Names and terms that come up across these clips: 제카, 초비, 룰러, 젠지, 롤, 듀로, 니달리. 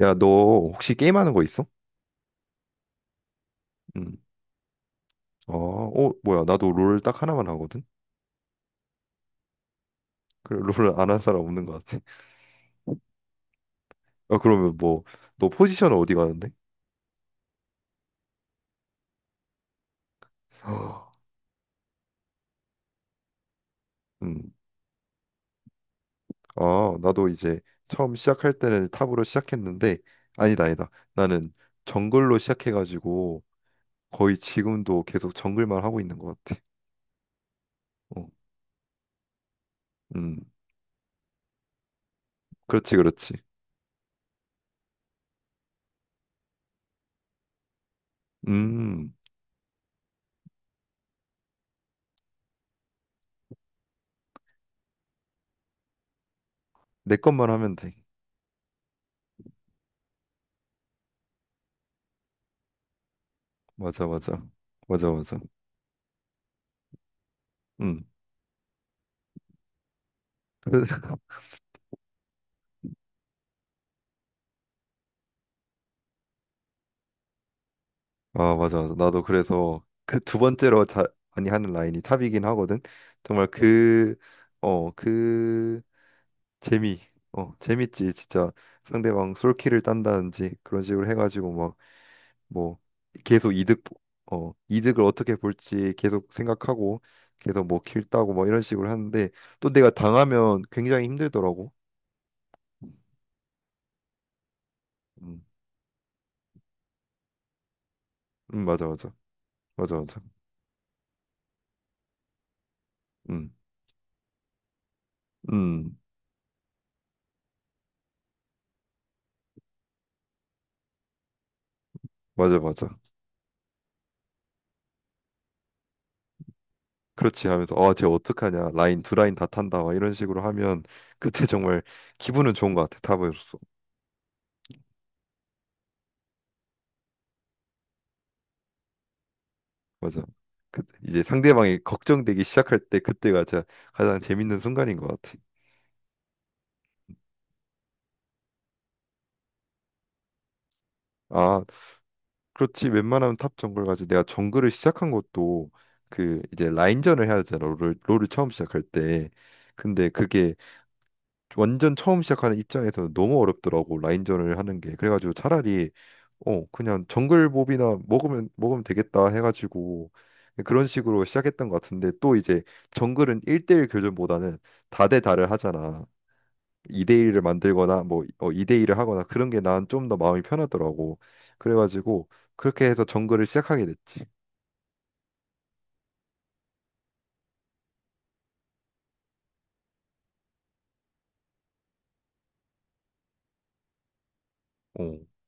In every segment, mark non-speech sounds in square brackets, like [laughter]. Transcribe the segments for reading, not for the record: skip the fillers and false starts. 야, 너 혹시 게임하는 거 있어? 음. 아, 뭐야. 나도 롤 딱 하나만 하거든? 그래, [laughs] 롤을 안 한 사람 없는 것 같아. [laughs] 아, 그러면 뭐, 너 포지션은 어디 가는데? [gasps] 음. 아, 나도 이제 처음 시작할 때는 탑으로 시작했는데, 아니다, 아니다. 나는 정글로 시작해가지고 거의 지금도 계속 정글만 하고 있는 것 같아. 어. 음. 그렇지, 그렇지. 음. 내 것만 하면 돼. 맞아, 맞아. 맞아, 맞아. 음. 근데 아, 맞아, 맞아. 나도 그래서 그 두 번째로 잘 많이 하는 라인이 탑이긴 하거든. 정말 그 재미, 재밌지. 진짜 상대방 솔킬을 딴다든지 그런 식으로 해가지고 막 뭐 계속 이득을 어떻게 볼지 계속 생각하고 계속 뭐 킬 따고 뭐 이런 식으로 하는데 또 내가 당하면 굉장히 힘들더라고. 음, 맞아, 맞아, 맞아, 맞아. 음, 음, 맞아, 맞아. 그렇지. 하면서 아, 쟤 어떡하냐. 라인 두 라인 다 탄다. 막 이런 식으로 하면 그때 [laughs] 정말 기분은 좋은 것 같아. 탑으로서. 맞아. 그 이제 상대방이 걱정되기 시작할 때 그때가 진짜 가장 재밌는 순간인 것 같아. 아, 그렇지. 웬만하면 탑 정글 가지. 내가 정글을 시작한 것도 그 이제 라인전을 해야 되잖아. 롤을 처음 시작할 때. 근데 그게 완전 처음 시작하는 입장에서 너무 어렵더라고. 라인전을 하는 게, 그래가지고 차라리 어 그냥 정글몹이나 먹으면 되겠다 해가지고 그런 식으로 시작했던 것 같은데 또 이제 정글은 1대1 교전보다는 다대다를 하잖아. 2대1을 만들거나 뭐 2대일을 하거나 그런 게 난 좀 더 마음이 편하더라고. 그래가지고 그렇게 해서 정글을 시작하게 됐지. 어.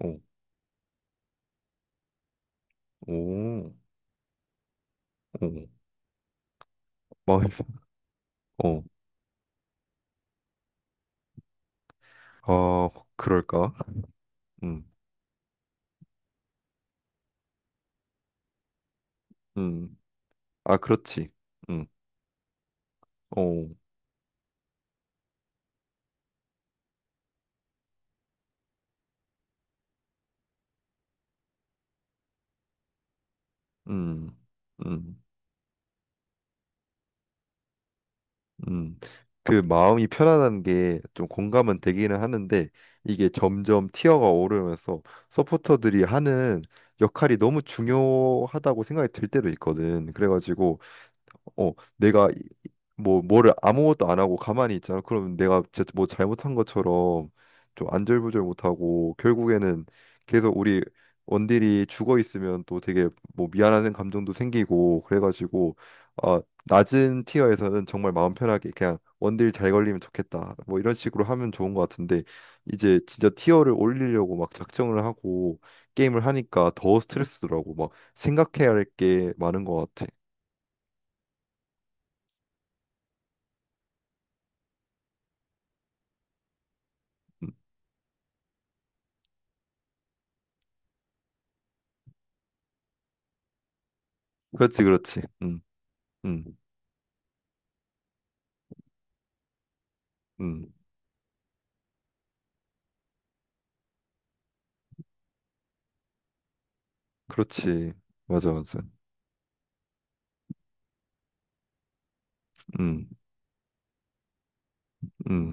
어. 오. 어. 마음이 편-. 어. 아, 그럴까? 음. 음. 아, 그렇지. 응, 어, 음, 음, 음. 그 마음이 편안한 게 좀 공감은 되기는 하는데 이게 점점 티어가 오르면서 서포터들이 하는 역할이 너무 중요하다고 생각이 들 때도 있거든. 그래가지고 어, 내가 뭐를 아무것도 안 하고 가만히 있잖아. 그러면 내가 진짜 뭐 잘못한 것처럼 좀 안절부절 못하고 결국에는 계속 우리 원딜이 죽어 있으면 또 되게 뭐 미안한 감정도 생기고. 그래가지고 어, 낮은 티어에서는 정말 마음 편하게 그냥 원딜 잘 걸리면 좋겠다, 뭐 이런 식으로 하면 좋은 것 같은데 이제 진짜 티어를 올리려고 막 작정을 하고 게임을 하니까 더 스트레스더라고. 막 생각해야 할 게 많은 것 같아. 음. 그렇지, 그렇지. 음. 음. 음. 그렇지. 맞아, 맞아. 음, 음,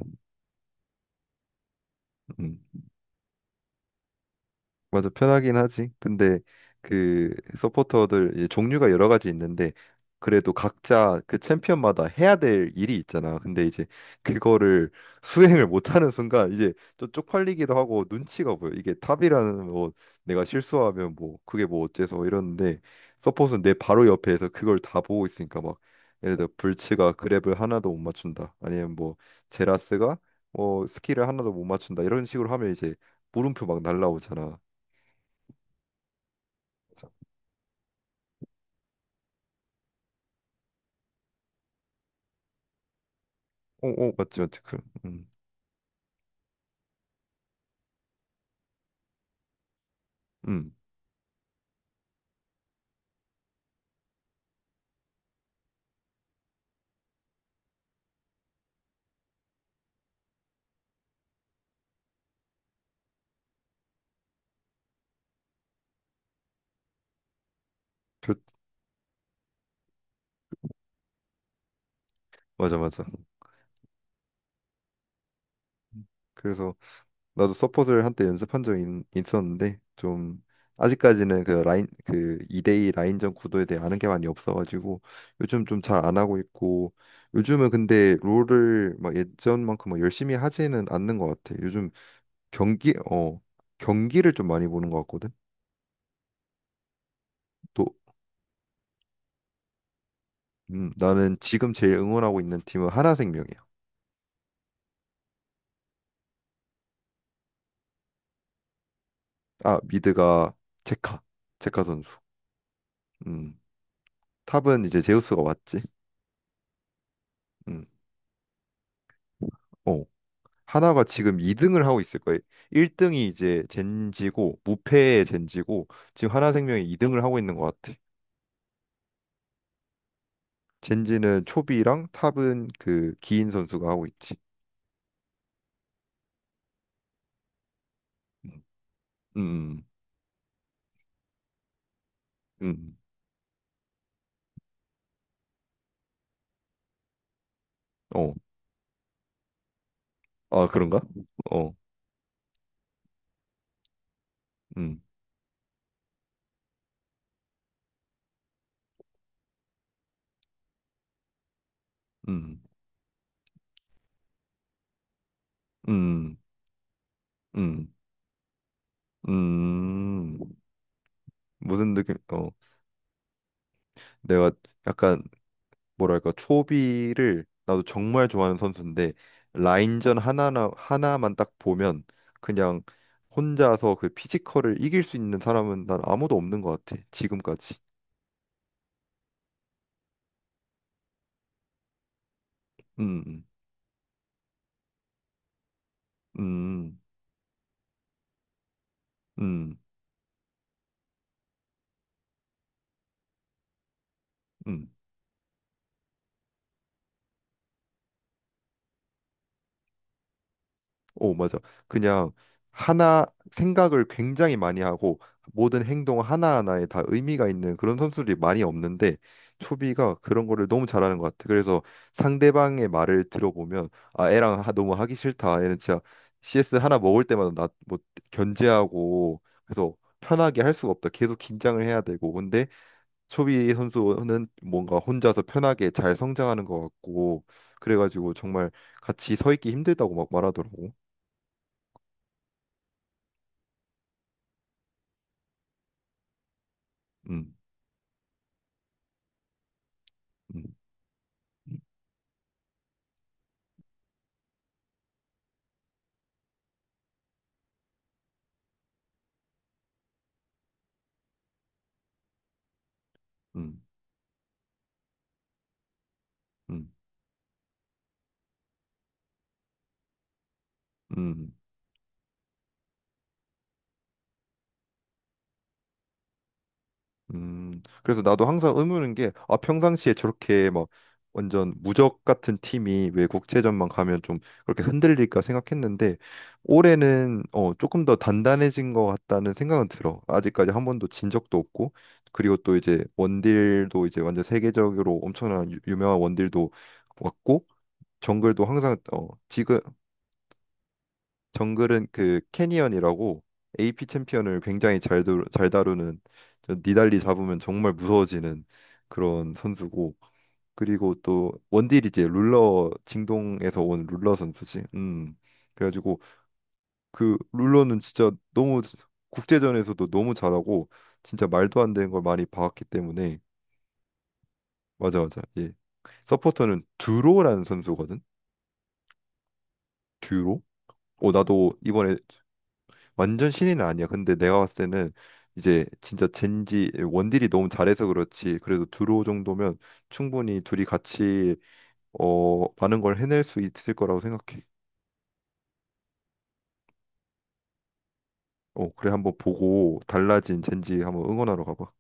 음. 맞아, 편하긴 하지. 근데 그 서포터들 이제 종류가 여러 가지 있는데 그래도 각자 그 챔피언마다 해야 될 일이 있잖아. 근데 이제 그거를 수행을 못하는 순간 이제 좀 쪽팔리기도 하고 눈치가 보여. 이게 탑이라는, 뭐 내가 실수하면 뭐 그게 뭐 어째서 이러는데 서폿은 내 바로 옆에서 그걸 다 보고 있으니까 막 예를 들어 불츠가 그랩을 하나도 못 맞춘다, 아니면 뭐 제라스가 뭐 스킬을 하나도 못 맞춘다, 이런 식으로 하면 이제 물음표 막 날라오잖아. 어어, 맞지, 맞지. 그음음 맞아 맞아. 그래서 나도 서폿을 한때 연습한 적이 었는데좀 아직까지는 그 라인 그 2대2 라인전 구도에 대해 아는 게 많이 없어가지고 요즘 좀 잘 안 하고 있고, 요즘은 근데 롤을 막 예전만큼 막 열심히 하지는 않는 것 같아. 요즘 경기 어 경기를 좀 많이 보는 것 같거든. 또 나는 지금 제일 응원하고 있는 팀은 하나생명이야. 아, 미드가 제카 제카 선수. 음. 탑은 이제 제우스가 왔지. 음. 어. 하나가 지금 2등을 하고 있을 거예요. 1등이 이제 젠지고, 무패의 젠지고, 지금 하나생명이 2등을 하고 있는 것 같아. 젠지는 초비랑 탑은 그 기인 선수가 하고 있지. 음. 음. 음. 음. 어. 아, 그런가? 어. 음. 음. 음. 음. 음. 무슨 느낌? 어. 내가 약간 뭐랄까, 초비를 나도 정말 좋아하는 선수인데 라인전 하나나 하나만 딱 보면 그냥 혼자서 그 피지컬을 이길 수 있는 사람은 난 아무도 없는 것 같아 지금까지. 음, 음, 음, 음. 음. 오, 맞아. 그냥 하나 생각을 굉장히 많이 하고 모든 행동 하나하나에 다 의미가 있는 그런 선수들이 많이 없는데 초비가 그런 거를 너무 잘하는 것 같아. 그래서 상대방의 말을 들어보면 아, 애랑 하- 너무 하기 싫다. 얘는 진짜 CS 하나 먹을 때마다 나 뭐 견제하고 그래서 편하게 할 수가 없다. 계속 긴장을 해야 되고. 근데 초비 선수는 뭔가 혼자서 편하게 잘 성장하는 것 같고 그래가지고 정말 같이 서 있기 힘들다고 막 말하더라고. 음, 음, 음, 음, 음, 그래서 나도 항상 의문인 게, 아, 평상시에 저렇게 막 완전 무적 같은 팀이 왜 국제전만 가면 좀 그렇게 흔들릴까 생각했는데, 올해는 어, 조금 더 단단해진 것 같다는 생각은 들어. 아직까지 한 번도 진 적도 없고, 그리고 또 이제 원딜도 이제 완전 세계적으로 엄청난 유명한 원딜도 왔고, 정글도 항상 어, 지금 정글은 그 캐니언이라고 AP 챔피언을 굉장히 잘 다루는, 저 니달리 잡으면 정말 무서워지는 그런 선수고, 그리고 또 원딜이 이제 룰러, 징동에서 온 룰러 선수지. 음. 그래가지고 그 룰러는 진짜 너무 국제전에서도 너무 잘하고 진짜 말도 안 되는 걸 많이 봐왔기 때문에. 맞아, 맞아. 예. 서포터는 듀로라는 선수거든. 듀로. 어, 나도 이번에 완전 신인은 아니야. 근데 내가 봤을 때는 이제 진짜 젠지 원딜이 너무 잘해서 그렇지. 그래도 두로 정도면 충분히 둘이 같이 어, 많은 걸 해낼 수 있을 거라고 생각해. 어, 그래. 한번 보고 달라진 젠지 한번 응원하러 가봐.